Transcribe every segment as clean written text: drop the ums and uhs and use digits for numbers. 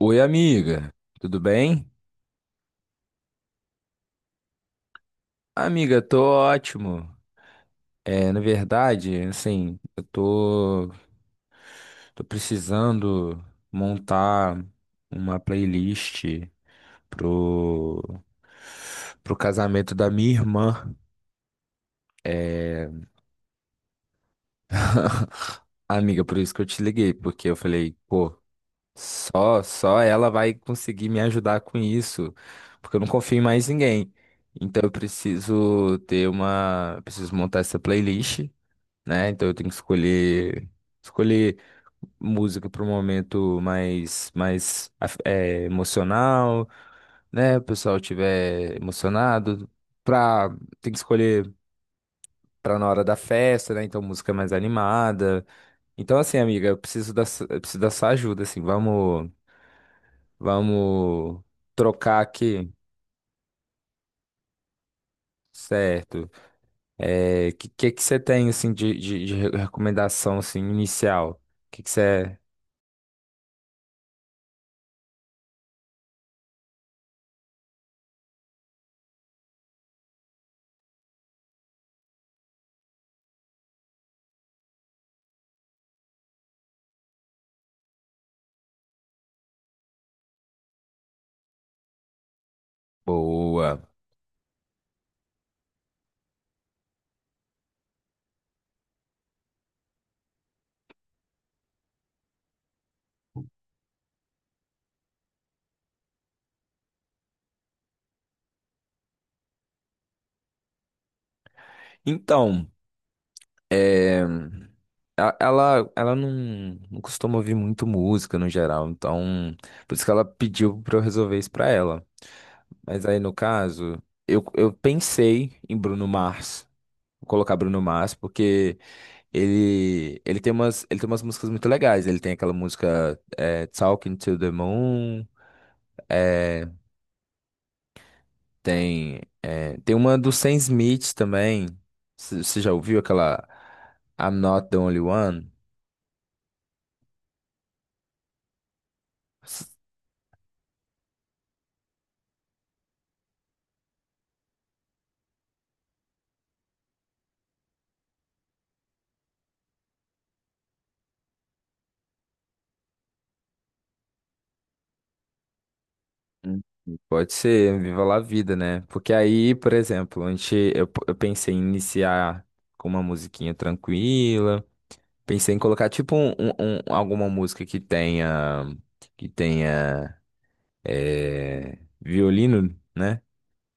Oi, amiga, tudo bem? Amiga, tô ótimo. Na verdade, assim, tô precisando montar uma playlist pro, pro casamento da minha irmã. É... Amiga, por isso que eu te liguei, porque eu falei, pô, só ela vai conseguir me ajudar com isso, porque eu não confio em mais ninguém. Então eu preciso ter uma, preciso montar essa playlist, né? Então eu tenho que escolher música para um momento mais emocional, né? O pessoal tiver emocionado, pra, tem que escolher para na hora da festa, né? Então música mais animada. Então assim, amiga, eu preciso da sua ajuda, assim, vamos trocar aqui, certo? Que você tem assim de recomendação assim inicial? Que você Boa. Então, é, ela não, não costuma ouvir muito música no geral, então por isso que ela pediu pra eu resolver isso pra ela. Mas aí no caso, eu pensei em Bruno Mars. Vou colocar Bruno Mars, porque ele tem umas músicas muito legais. Ele tem aquela música Talking to the Moon, é, tem uma do Sam Smith também. Você já ouviu aquela I'm Not the Only One? S- Pode ser, viva lá a vida, né? Porque aí, por exemplo, eu pensei em iniciar com uma musiquinha tranquila. Pensei em colocar tipo alguma música que tenha violino, né?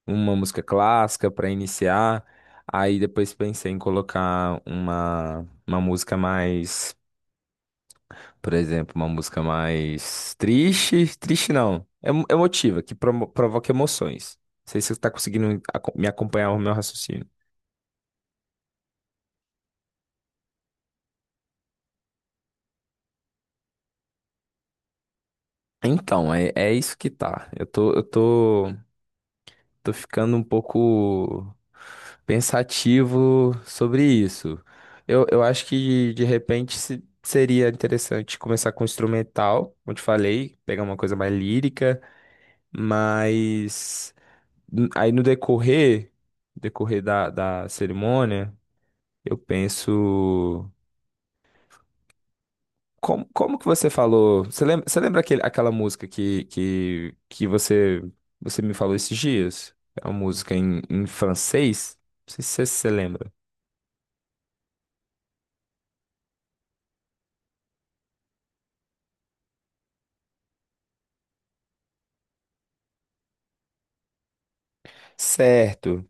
Uma música clássica para iniciar. Aí depois pensei em colocar uma música mais, por exemplo, uma música mais triste, triste não, é emotiva, que provoca emoções. Não sei se você está conseguindo me acompanhar o meu raciocínio. Então, é isso que tá. Eu tô, eu tô. Tô ficando um pouco pensativo sobre isso. Eu acho que de repente seria interessante começar com instrumental, como eu te falei, pegar uma coisa mais lírica, mas aí no decorrer, decorrer da cerimônia, eu penso. Como que você falou? Você lembra aquela música que você me falou esses dias? É uma música em francês? Não sei se você lembra. Certo.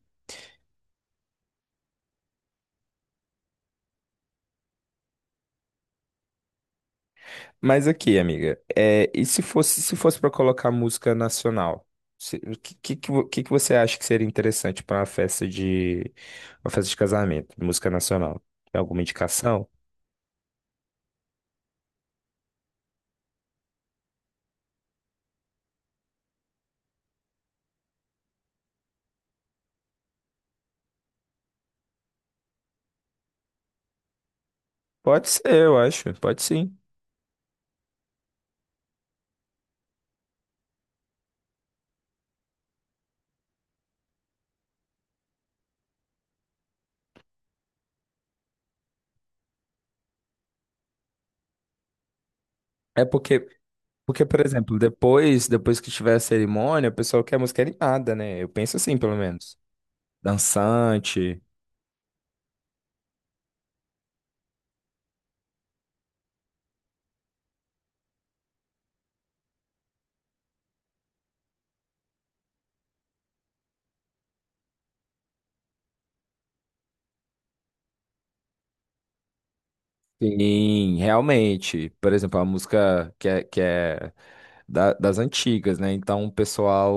Mas aqui, amiga, e se fosse para colocar música nacional? O que você acha que seria interessante para uma festa uma festa de casamento, música nacional? Tem alguma indicação? Pode ser, eu acho. Pode sim. É porque Porque, por exemplo, depois que tiver a cerimônia, o pessoal quer música animada, né? Eu penso assim, pelo menos. Dançante. Sim, realmente. Por exemplo, a música que é das antigas, né? Então,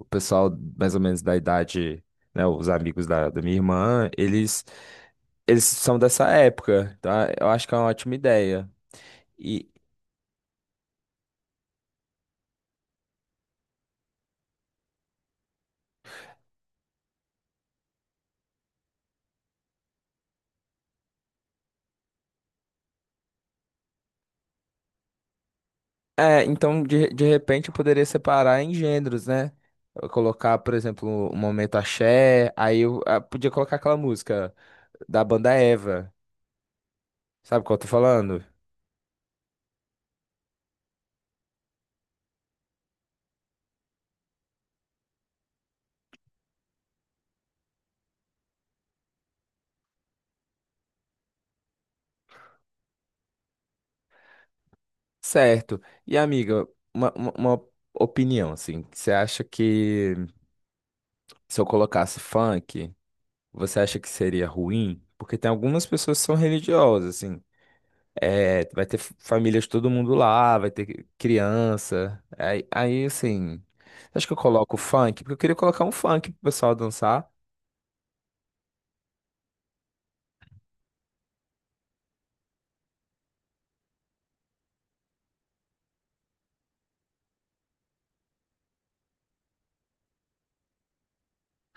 o pessoal mais ou menos da idade, né? Os amigos da minha irmã, eles são dessa época, tá? Eu acho que é uma ótima ideia. É, então de repente eu poderia separar em gêneros, né? Eu colocar, por exemplo, um momento axé, aí eu ah, podia colocar aquela música da banda Eva, sabe qual eu tô falando? Certo. E amiga, uma opinião, assim, você acha que se eu colocasse funk, você acha que seria ruim? Porque tem algumas pessoas que são religiosas, assim, é, vai ter famílias, de todo mundo lá, vai ter criança. Aí assim, acho que eu coloco funk, porque eu queria colocar um funk pro pessoal dançar.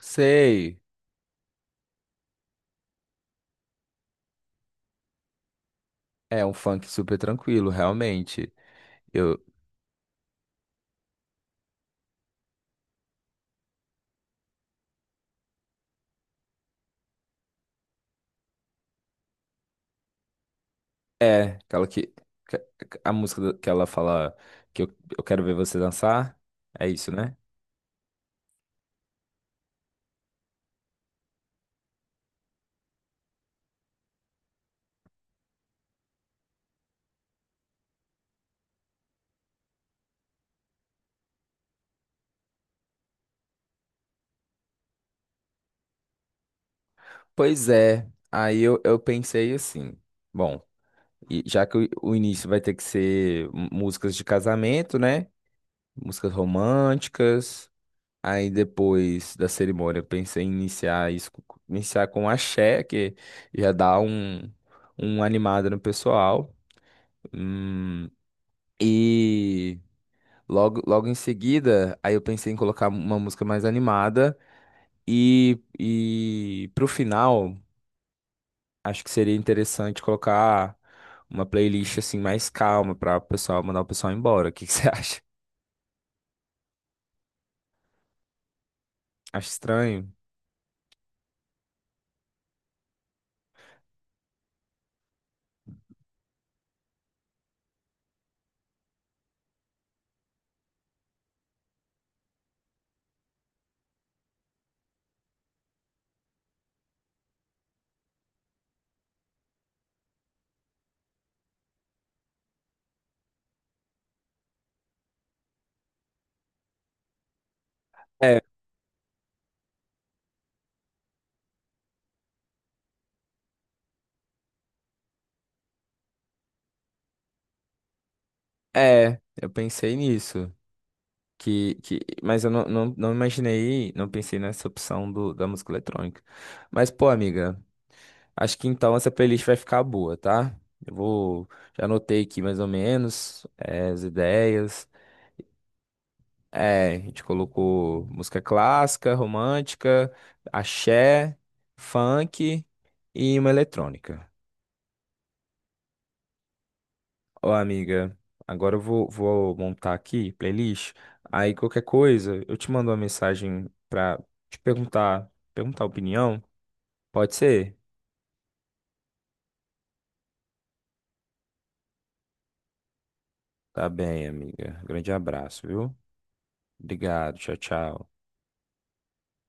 Sei, é um funk super tranquilo, realmente. Eu, aquela que a música que ela fala que eu, eu quero ver você dançar, é isso, né? Pois é, eu pensei assim, bom, e já que o início vai ter que ser músicas de casamento, né? Músicas românticas. Aí depois da cerimônia, eu pensei em iniciar isso, iniciar com axé, que já dá um animado no pessoal. Hum, e logo em seguida, aí eu pensei em colocar uma música mais animada. E pro final, acho que seria interessante colocar uma playlist assim mais calma para o pessoal mandar o pessoal embora. O que que você acha? Acho estranho. É, eu pensei nisso. Mas eu não imaginei, não pensei nessa opção da música eletrônica. Mas, pô, amiga, acho que então essa playlist vai ficar boa, tá? Eu vou. Já anotei aqui mais ou menos as ideias. É, a gente colocou música clássica, romântica, axé, funk e uma eletrônica. Ó, amiga, agora vou montar aqui playlist. Aí qualquer coisa, eu te mando uma mensagem pra te perguntar a opinião. Pode ser? Tá bem, amiga. Grande abraço, viu? Obrigado. Tchau, tchau.